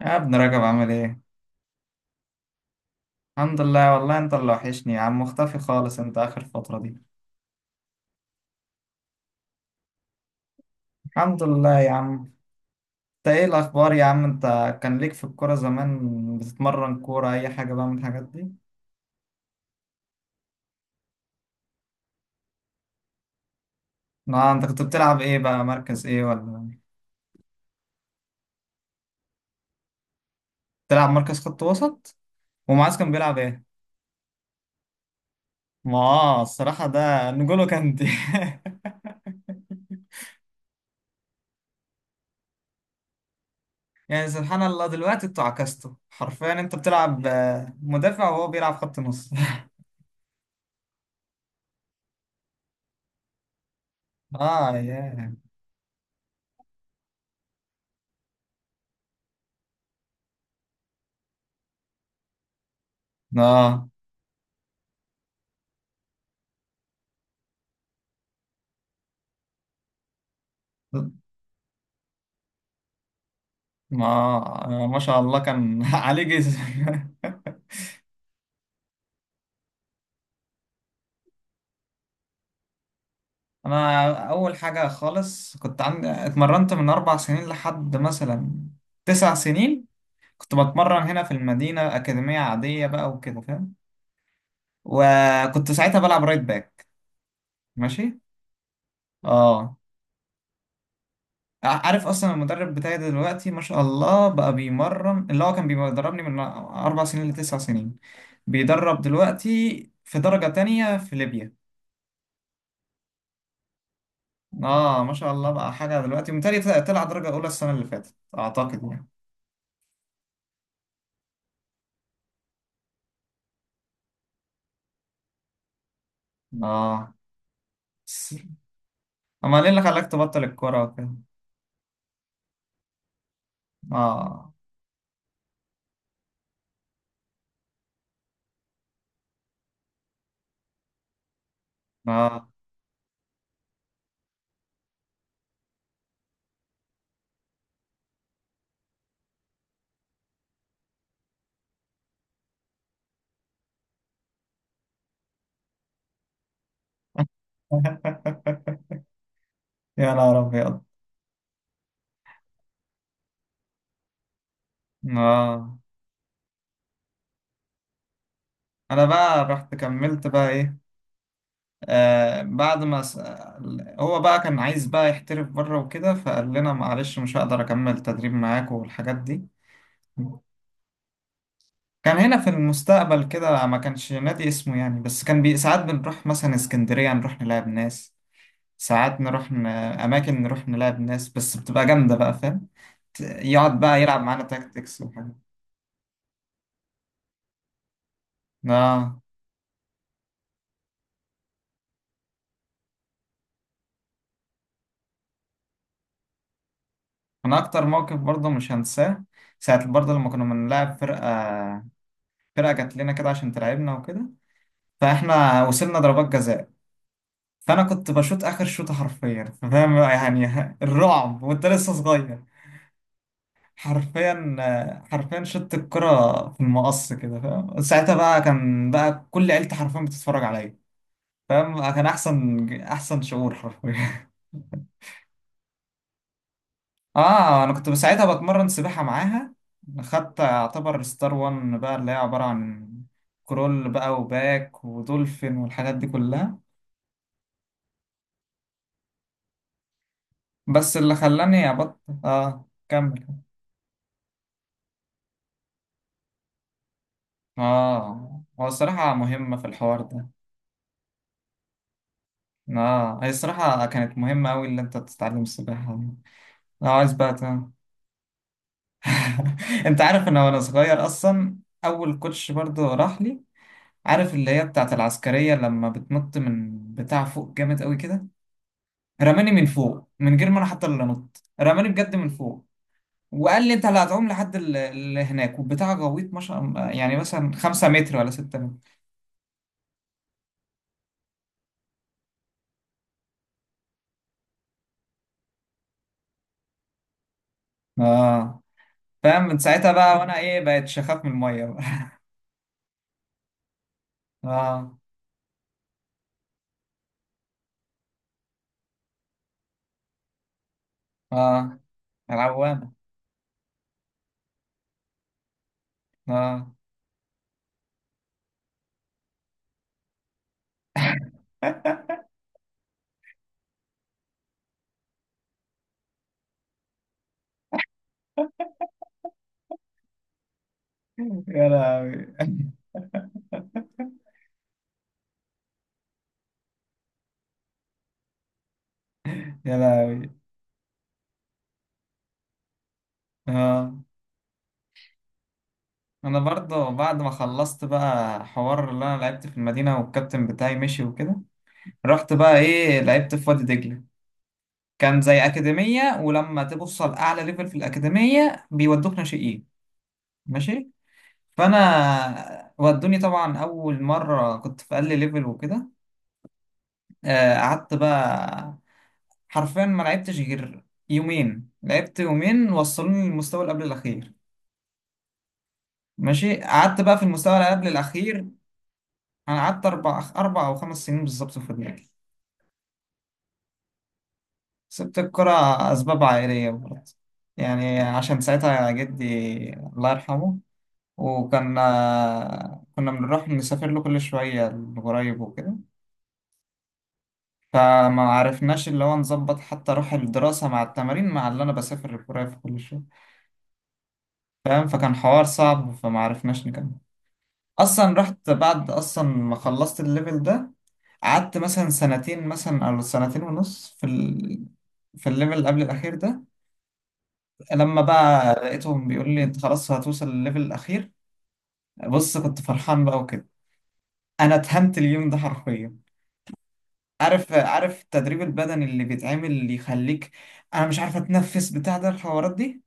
يا ابن رجب، عامل ايه؟ الحمد لله، والله انت اللي وحشني يا عم، مختفي خالص انت اخر فترة دي. الحمد لله يا عم. انت ايه الاخبار يا عم انت؟ كان ليك في الكورة زمان، بتتمرن كورة اي حاجة بقى من الحاجات دي؟ لا انت كنت بتلعب ايه بقى، مركز ايه ولا بتلعب مركز خط وسط؟ ومعاذ كان بيلعب ايه؟ ما آه، الصراحة ده نجولو كانتي يعني سبحان الله، دلوقتي انتوا عكستوا حرفيا، انت بتلعب مدافع، وهو بيلعب خط نص اه ياه. اه، ما شاء الله كان عليه جسم انا اول حاجه خالص، كنت عندي اتمرنت من 4 سنين لحد مثلا 9 سنين. كنت بتمرن هنا في المدينه، اكاديميه عاديه بقى وكده، فاهم؟ وكنت ساعتها بلعب رايت باك. ماشي. اه، عارف اصلا المدرب بتاعي دلوقتي ما شاء الله بقى، بيمرن اللي هو كان بيدربني من 4 سنين لتسع سنين. بيدرب دلوقتي في درجه تانية في ليبيا. اه ما شاء الله بقى، حاجة دلوقتي متهيألي طلع درجة أولى السنة اللي فاتت، أعتقد يعني. اه، بس- أمال إيه اللي خلاك تبطل الكورة وكده؟ اه، اه. يا نهار أبيض. اه، أنا بقى رحت كملت بقى إيه، آه بعد ما س... هو بقى كان عايز بقى يحترف بره وكده، فقال لنا معلش مش هقدر أكمل تدريب معاك والحاجات دي. كان هنا في المستقبل كده، ما كانش نادي اسمه يعني، بس ساعات بنروح مثلا اسكندرية نروح نلعب ناس، ساعات أماكن نروح نلعب ناس، بس بتبقى جامدة بقى، فاهم؟ يقعد بقى يلعب معانا تاكتكس وحاجات. آه. أنا أكتر موقف برضه مش هنساه، ساعة برضه لما كنا بنلعب فرقة. فرقة جات لنا كده عشان تلعبنا وكده، فإحنا وصلنا ضربات جزاء. فأنا كنت بشوط آخر شوطة حرفيا، فاهم يعني الرعب وأنت لسه صغير. حرفيا حرفيا شوت الكرة في المقص كده، فاهم؟ ساعتها بقى كان بقى كل عيلتي حرفيا بتتفرج عليا، فاهم؟ كان احسن احسن شعور حرفيا. اه، انا كنت ساعتها بتمرن سباحه معاها. خدت اعتبر ستار وان بقى، اللي هي عباره عن كرول بقى وباك ودولفين والحاجات دي كلها. بس اللي خلاني ابطل، اه، كمل. اه، هو الصراحه مهمه في الحوار ده. اه، هي الصراحه كانت مهمه قوي اللي انت تتعلم السباحه دي. اه، عايز بقى انت عارف ان وانا صغير اصلا، اول كوتش برضو راح لي، عارف اللي هي بتاعت العسكرية لما بتنط من بتاع فوق جامد قوي كده؟ رماني من فوق، من غير ما انا حتى اللي انط، رماني بجد من فوق. وقال لي انت اللي هتعوم لحد اللي هناك، والبتاع غويط ما شاء الله، يعني مثلا 5 متر ولا 6 متر. اه، فاهم؟ من ساعتها بقى وانا ايه، بقيت شخاف من المية بقى. اه. اه. العوامة. اه يا لهوي. يا لهوي. اه، انا برضه بعد ما خلصت بقى حوار اللي انا لعبت في المدينة والكابتن بتاعي مشي وكده، رحت بقى ايه، لعبت في وادي دجلة. كان زي أكاديمية، ولما توصل أعلى ليفل في الأكاديمية بيودوك ناشئين. ماشي. فأنا ودوني طبعا، أول مرة كنت في أقل ليفل وكده. قعدت بقى حرفيا ما لعبتش غير يومين، لعبت يومين وصلوني للمستوى اللي قبل الأخير. ماشي، قعدت بقى في المستوى اللي قبل الأخير. أنا قعدت أربع أو خمس سنين بالظبط في الدنيا. سبت الكرة، أسباب عائلية برضه، يعني عشان ساعتها جدي الله يرحمه، وكان كنا بنروح نسافر له كل شوية لقريب وكده. فما عرفناش اللي هو نظبط حتى روح الدراسة مع التمارين مع اللي أنا بسافر القريب في كل شوية، فاهم؟ فكان حوار صعب، فما عرفناش نكمل. أصلا رحت بعد أصلا ما خلصت الليفل ده، قعدت مثلا سنتين، مثلا أو سنتين ونص في الليفل اللي قبل الأخير ده. لما بقى لقيتهم بيقول لي انت خلاص هتوصل للليفل الاخير، بص كنت فرحان بقى وكده. انا اتهنت اليوم ده حرفيا. عارف التدريب البدني اللي بيتعمل اللي يخليك انا مش عارف اتنفس بتاع ده، الحوارات دي.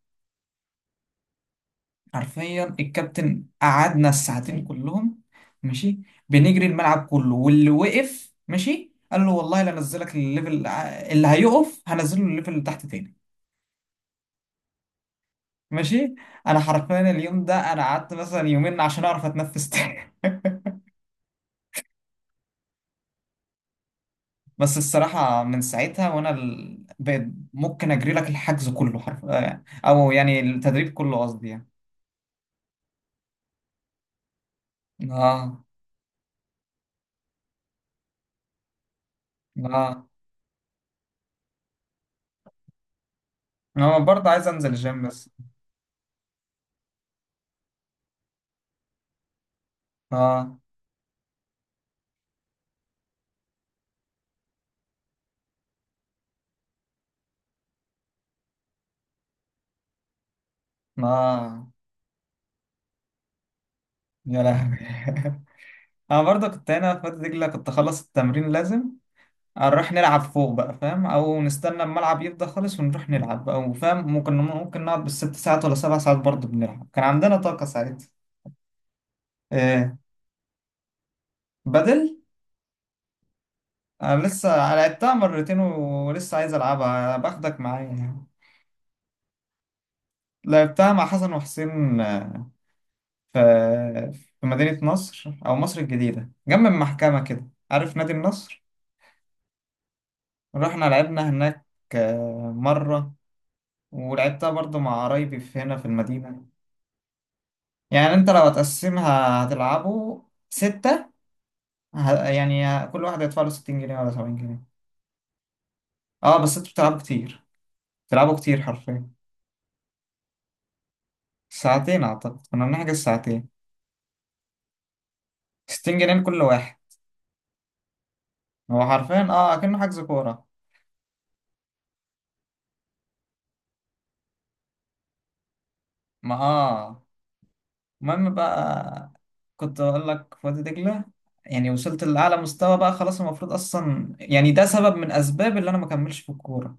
حرفيا الكابتن قعدنا الساعتين كلهم ماشي بنجري الملعب كله، واللي وقف ماشي قال له والله لا انزلك الليفل، اللي هيقف هنزله الليفل اللي تحت تاني. ماشي. انا حرفيا اليوم ده انا قعدت مثلا يومين عشان اعرف اتنفس تاني بس الصراحة من ساعتها وأنا بقيت ممكن أجري لك الحجز كله، حرف آه، أو يعني التدريب كله قصدي يعني. آه. آه. أنا برضه عايز أنزل الجيم بس. آه. آه. يا لهوي. أنا برضه كنت هنا في وادي دجلة، كنت أخلص التمرين لازم نروح نلعب فوق بقى، فاهم؟ أو نستنى الملعب يفضى خالص ونروح نلعب بقى، وفاهم ممكن نقعد بالست ساعات ولا 7 ساعات برضه بنلعب، كان عندنا طاقة ساعتها. إيه. بدل. انا لسه لعبتها مرتين، ولسه عايز العبها، باخدك معايا يعني. لعبتها مع حسن وحسين في في مدينة نصر او مصر الجديدة، جنب المحكمة كده، عارف نادي النصر؟ رحنا لعبنا هناك مرة. ولعبتها برضو مع قرايبي في هنا في المدينة. يعني انت لو هتقسمها هتلعبوا ستة، يعني كل واحد هيدفع له 60 جنيه ولا 70 جنيه. اه بس انتوا بتلعبوا كتير، بتلعبوا كتير حرفيا. ساعتين، اعتقد كنا بنحجز ساعتين. 60 جنيه لكل واحد. هو حرفيا اه اكنه حجز كورة. ما اه المهم بقى، كنت اقول لك في وادي دجلة، يعني وصلت لأعلى مستوى بقى خلاص، المفروض أصلا يعني ده سبب من أسباب اللي أنا ما كملش في الكورة.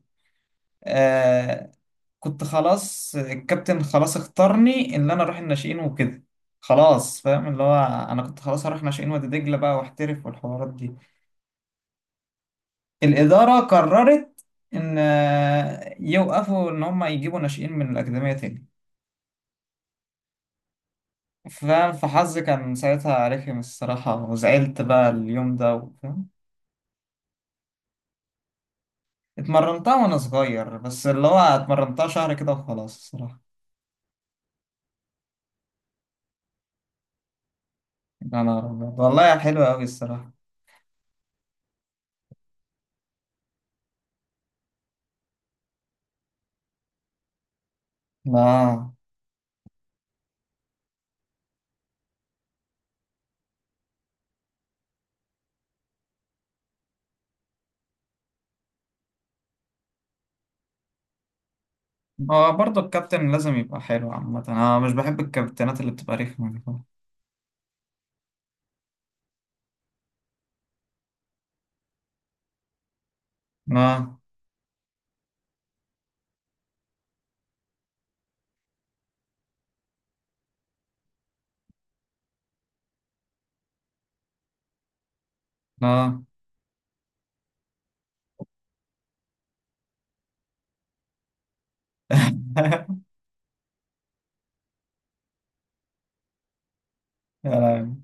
آه. كنت خلاص الكابتن خلاص اختارني اللي أنا أروح الناشئين وكده، خلاص فاهم؟ اللي هو أنا كنت خلاص هروح ناشئين وادي دجلة بقى، واحترف والحوارات دي. الإدارة قررت إن يوقفوا، إن هم يجيبوا ناشئين من الأكاديمية تاني. فاهم؟ فحظي كان ساعتها رخم الصراحة، وزعلت بقى اليوم ده، فاهم؟ اتمرنتها وأنا صغير بس، اللي هو اتمرنتها شهر كده وخلاص الصراحة. يا نهار أبيض، والله حلوة أوي الصراحة. لا، هو برضه الكابتن لازم يبقى حلو عامة، أنا مش بحب الكابتنات اللي بتبقى رخمة دي. لا، لا. يا لهوي.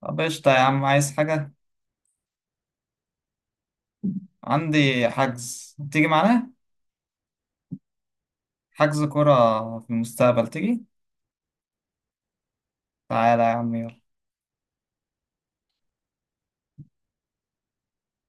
طب قشطة يا عم، عايز حاجة؟ عندي حجز تيجي معانا، حجز كرة في المستقبل، تيجي؟ تعالى يا عم، يلا.